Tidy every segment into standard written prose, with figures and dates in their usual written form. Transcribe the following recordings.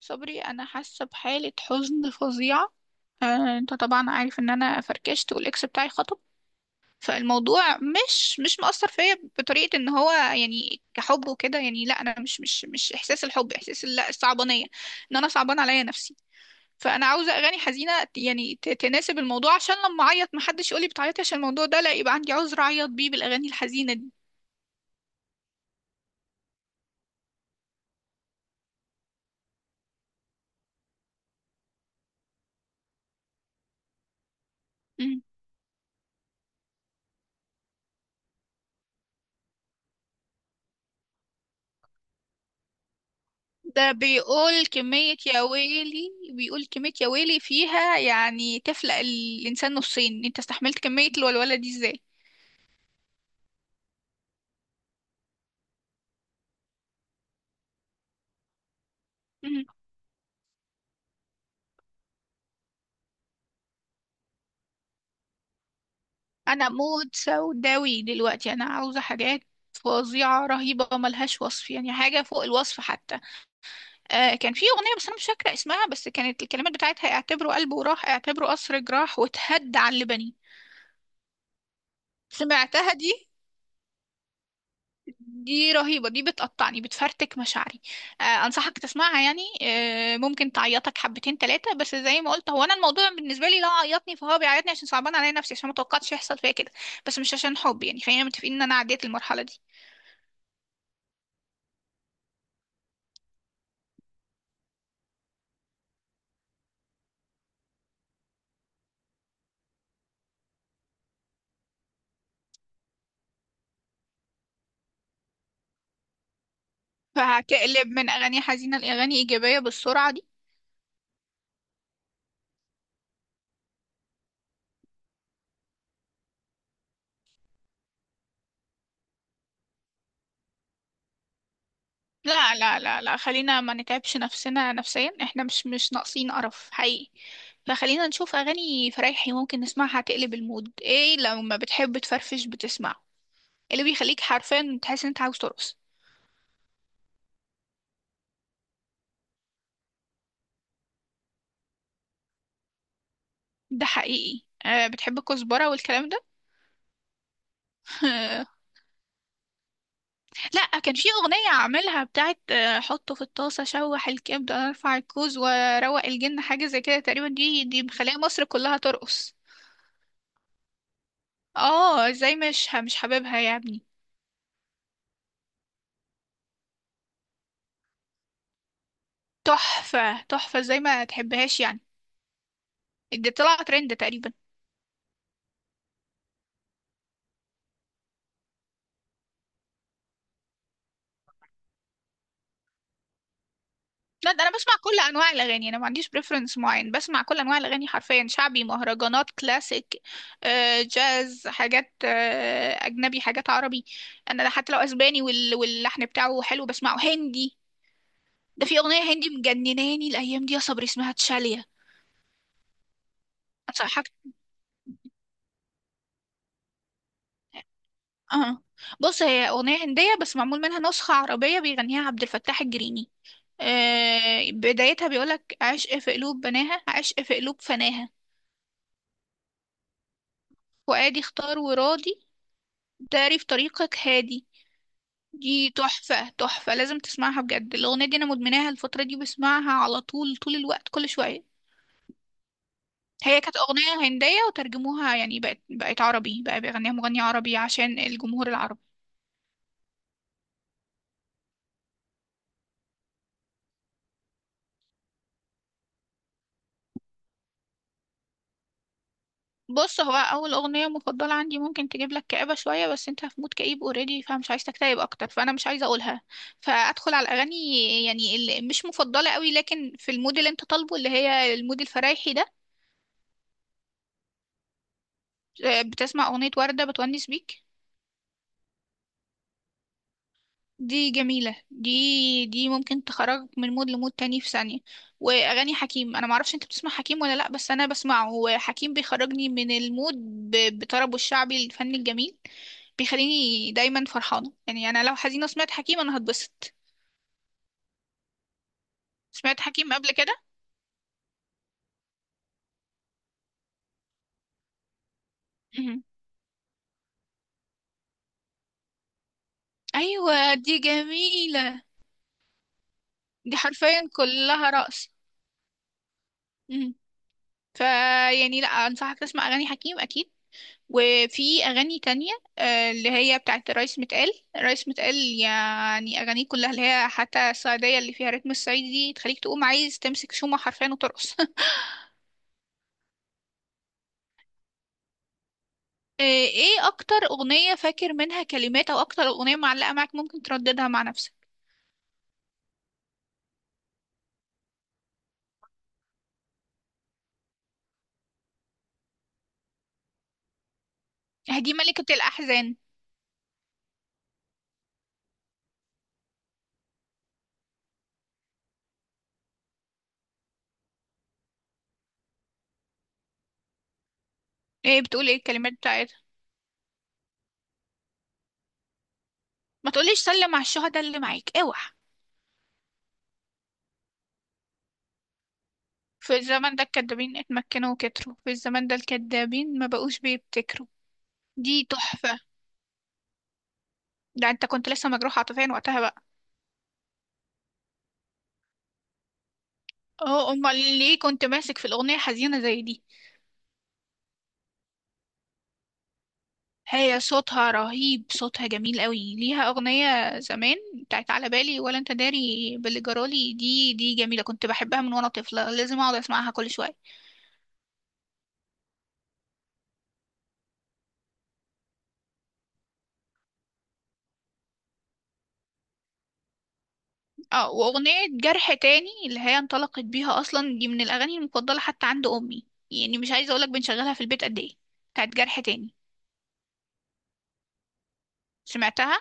صبري، انا حاسه بحاله حزن فظيعه. آه، انت طبعا عارف ان انا فركشت والاكس بتاعي خطب. فالموضوع مش مأثر فيا بطريقه ان هو يعني كحب وكده، يعني لا، انا مش احساس الحب، احساس لا، الصعبانيه ان انا صعبان عليا نفسي. فانا عاوزه اغاني حزينه يعني تناسب الموضوع، عشان لما اعيط محدش يقولي بتعيطي عشان الموضوع ده، لا يبقى عندي عذر اعيط بيه بالاغاني الحزينه دي. ده بيقول كمية يا ويلي، فيها، يعني تفلق الإنسان نصين. انت استحملت كمية الولولة دي ازاي؟ مم. أنا مود سوداوي دلوقتي، أنا عاوزة حاجات فظيعة رهيبة ملهاش وصف، يعني حاجة فوق الوصف حتى. آه، كان في أغنية بس أنا مش فاكرة اسمها، بس كانت الكلمات بتاعتها: اعتبره قلبه راح، اعتبره قصر جراح، وتهد على اللبني. سمعتها دي؟ دي رهيبة، دي بتقطعني، بتفرتك مشاعري. آه، أنصحك تسمعها يعني. آه، ممكن تعيطك حبتين تلاتة. بس زي ما قلت، هو أنا الموضوع بالنسبة لي لو عيطني فهو بيعيطني عشان صعبان عليا نفسي، عشان متوقعتش يحصل فيا كده. بس مش عشان حب، يعني خلينا متفقين إن أنا عديت المرحلة دي. فهتقلب من أغاني حزينة لأغاني إيجابية بالسرعة دي؟ لا، لا، لا، لا، خلينا ما نتعبش نفسنا نفسيا. احنا مش ناقصين قرف حقيقي. فخلينا نشوف أغاني فرايحي ممكن نسمعها تقلب المود. ايه لو ما بتحب تفرفش، بتسمع اللي بيخليك حرفيا تحس ان انت عاوز ترقص؟ ده حقيقي. أه، بتحب الكزبرة والكلام ده؟ لا، كان في أغنية عاملها بتاعت حطه في الطاسة، شوح الكبدة، ارفع الكوز وروق الجن، حاجة زي كده تقريبا. دي مخلية مصر كلها ترقص. اه، ازاي مش حاببها يا ابني؟ تحفة تحفة! ازاي ما تحبهاش يعني؟ دي طلع ترند تقريبا. لا، ده انا بسمع كل انواع الاغاني، انا ما عنديش بريفرنس معين، بسمع كل انواع الاغاني حرفيا: شعبي، مهرجانات، كلاسيك، جاز، حاجات اجنبي، حاجات عربي. انا حتى لو اسباني واللحن بتاعه حلو بسمعه. هندي، ده في اغنيه هندي مجنناني الايام دي يا صبري، اسمها تشاليا. انصحك. اه، بص، هي اغنيه هنديه بس معمول منها نسخه عربيه بيغنيها عبد الفتاح الجريني. بدايتها بيقولك: عشق في قلوب بناها، عشق في قلوب فناها، فؤادي اختار وراضي، تعرف طريقك هادي. دي تحفة تحفة، لازم تسمعها بجد. الأغنية دي أنا مدمناها الفترة دي، بسمعها على طول، طول الوقت، كل شوية. هي كانت أغنية هندية وترجموها، يعني بقت عربي، بقى بيغنيها مغني عربي عشان الجمهور العربي. بص، هو أول أغنية مفضلة عندي ممكن تجيب لك كآبة شوية، بس أنت في مود كئيب أوريدي فمش عايز تكتئب أكتر، فأنا مش عايزة أقولها. فأدخل على الأغاني يعني اللي مش مفضلة قوي، لكن في المود اللي أنت طالبه، اللي هي المود الفرايحي ده. بتسمع أغنية وردة بتونس بيك؟ دي جميلة، دي ممكن تخرج من مود لمود تاني في ثانية. وأغاني حكيم، أنا معرفش أنت بتسمع حكيم ولا لأ، بس أنا بسمعه، وحكيم بيخرجني من المود بطربه الشعبي، الفن الجميل. بيخليني دايما فرحانة، يعني أنا لو حزينة سمعت حكيم أنا هتبسط. سمعت حكيم قبل كده؟ مهم. أيوة، دي جميلة. دي حرفيا كلها رقص. مهم. فيعني لأ، أنصحك تسمع أغاني حكيم أكيد. وفي أغاني تانية، اللي هي بتاعت رايس متقال، رايس متقال. يعني أغانيه كلها، اللي هي حتى الصعيدية اللي فيها رتم الصعيدي، دي تخليك تقوم عايز تمسك شومة حرفيا وترقص. ايه أكتر أغنية فاكر منها كلمات، أو أكتر أغنية معلقة معاك ممكن ترددها مع نفسك؟ هدي ملكة الأحزان. ايه، بتقول ايه الكلمات بتاعتها؟ ما تقوليش سلم على الشهداء اللي معاك، اوعى! في الزمن ده الكدابين اتمكنوا وكتروا، في الزمن ده الكدابين ما بقوش بيبتكروا. دي تحفة. ده انت كنت لسه مجروح عاطفيا وقتها بقى؟ اه، امال ليه كنت ماسك في الاغنيه حزينه زي دي؟ هي صوتها رهيب، صوتها جميل قوي. ليها اغنيه زمان بتاعت على بالي ولا انت داري باللي جرالي. دي جميله، كنت بحبها من وانا طفله، لازم اقعد اسمعها كل شويه. اه، واغنيه جرح تاني اللي هي انطلقت بيها اصلا، دي من الاغاني المفضله حتى عند امي. يعني مش عايزه اقولك بنشغلها في البيت قد ايه، بتاعت جرح تاني. سمعتها؟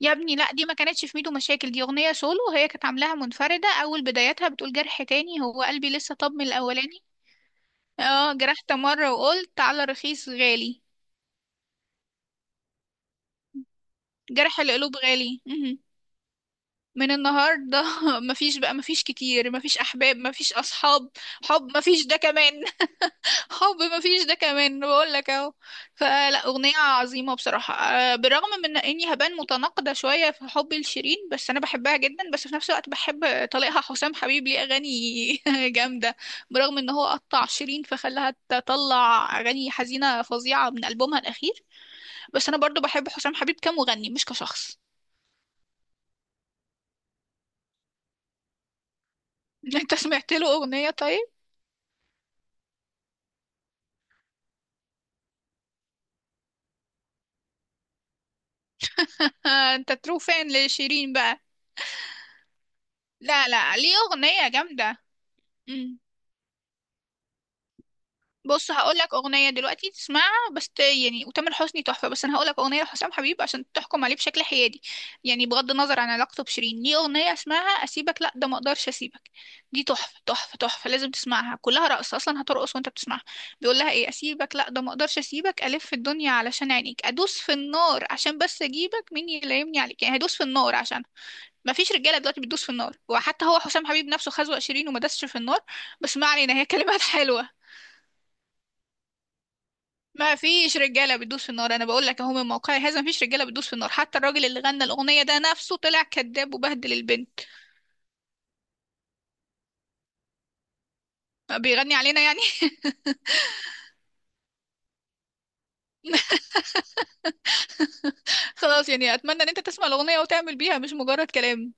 يا ابني لا، دي ما كانتش في ميدو مشاكل، دي اغنيه سولو، هي كانت عاملاها منفرده. اول بدايتها بتقول: جرح تاني، هو قلبي لسه طب من الاولاني. اه، جرحت مرة وقلت على رخيص غالي، جرح القلوب غالي. مهم. من النهاردة، مفيش بقى، مفيش كتير، مفيش أحباب، مفيش أصحاب. حب مفيش ده كمان. حب مفيش ده كمان، بقول لك اهو. فلا، أغنية عظيمة بصراحة. بالرغم من إني هبان متناقضة شوية في حبي لشيرين، بس أنا بحبها جدا، بس في نفس الوقت بحب طليقها حسام حبيب، ليه أغاني جامدة. برغم إن هو قطع شيرين فخلاها تطلع أغاني حزينة فظيعة من ألبومها الأخير، بس انا برضو بحب حسام حبيب كمغني، مش كشخص. انت سمعت له اغنية طيب؟ آه، انت ترو فان لشيرين بقى. لا، لا، ليه اغنية جامدة. بص، هقول لك اغنيه دلوقتي تسمعها بس يعني. وتامر حسني تحفه، بس انا هقول لك اغنيه لحسام حبيب عشان تحكم عليه بشكل حيادي، يعني بغض النظر عن علاقته بشيرين. ليه اغنيه اسمها اسيبك، لا ده ما اقدرش اسيبك. دي تحفه تحفه تحفه، لازم تسمعها، كلها رقص اصلا، هترقص وانت بتسمعها. بيقول لها ايه: اسيبك، لا ده ما اقدرش اسيبك، الف في الدنيا علشان عينيك، ادوس في النار عشان بس اجيبك، مين يلايمني عليك. يعني هدوس في النار، عشان ما فيش رجاله دلوقتي بتدوس في النار، وحتى هو حسام حبيب نفسه خزوق شيرين وما دسش في النار. بس ما علينا، هي كلمات حلوه. ما فيش رجاله بتدوس في النار، انا بقول لك اهو من موقعي هذا، ما فيش رجاله بتدوس في النار، حتى الراجل اللي غنى الاغنيه ده نفسه طلع كذاب وبهدل البنت. بيغني علينا يعني. خلاص، يعني اتمنى ان انت تسمع الاغنيه وتعمل بيها، مش مجرد كلام.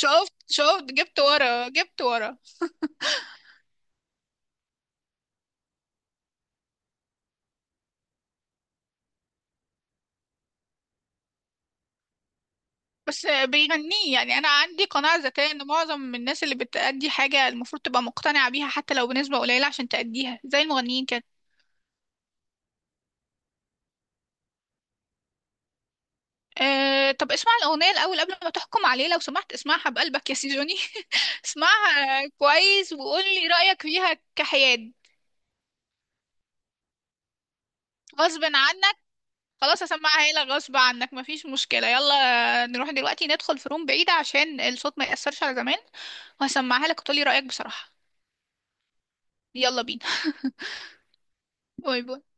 شفت؟ شفت؟ جبت ورا، جبت ورا! بس بيغنيه يعني، انا عندي قناعه ذكيه ان معظم الناس اللي بتأدي حاجه المفروض تبقى مقتنعه بيها حتى لو بنسبه قليله عشان تأديها، زي المغنيين كده. أه، طب اسمع الأغنية الأول قبل ما تحكم عليه لو سمحت، اسمعها بقلبك يا سيزوني. اسمعها كويس وقول لي رأيك فيها كحياد. غصب عنك؟ خلاص، هسمعها لك غصب عنك، مفيش مشكلة. يلا نروح دلوقتي ندخل في روم بعيدة عشان الصوت ما يأثرش على زمان، وهسمعها لك وتقولي رأيك بصراحة. يلا بينا. باي باي.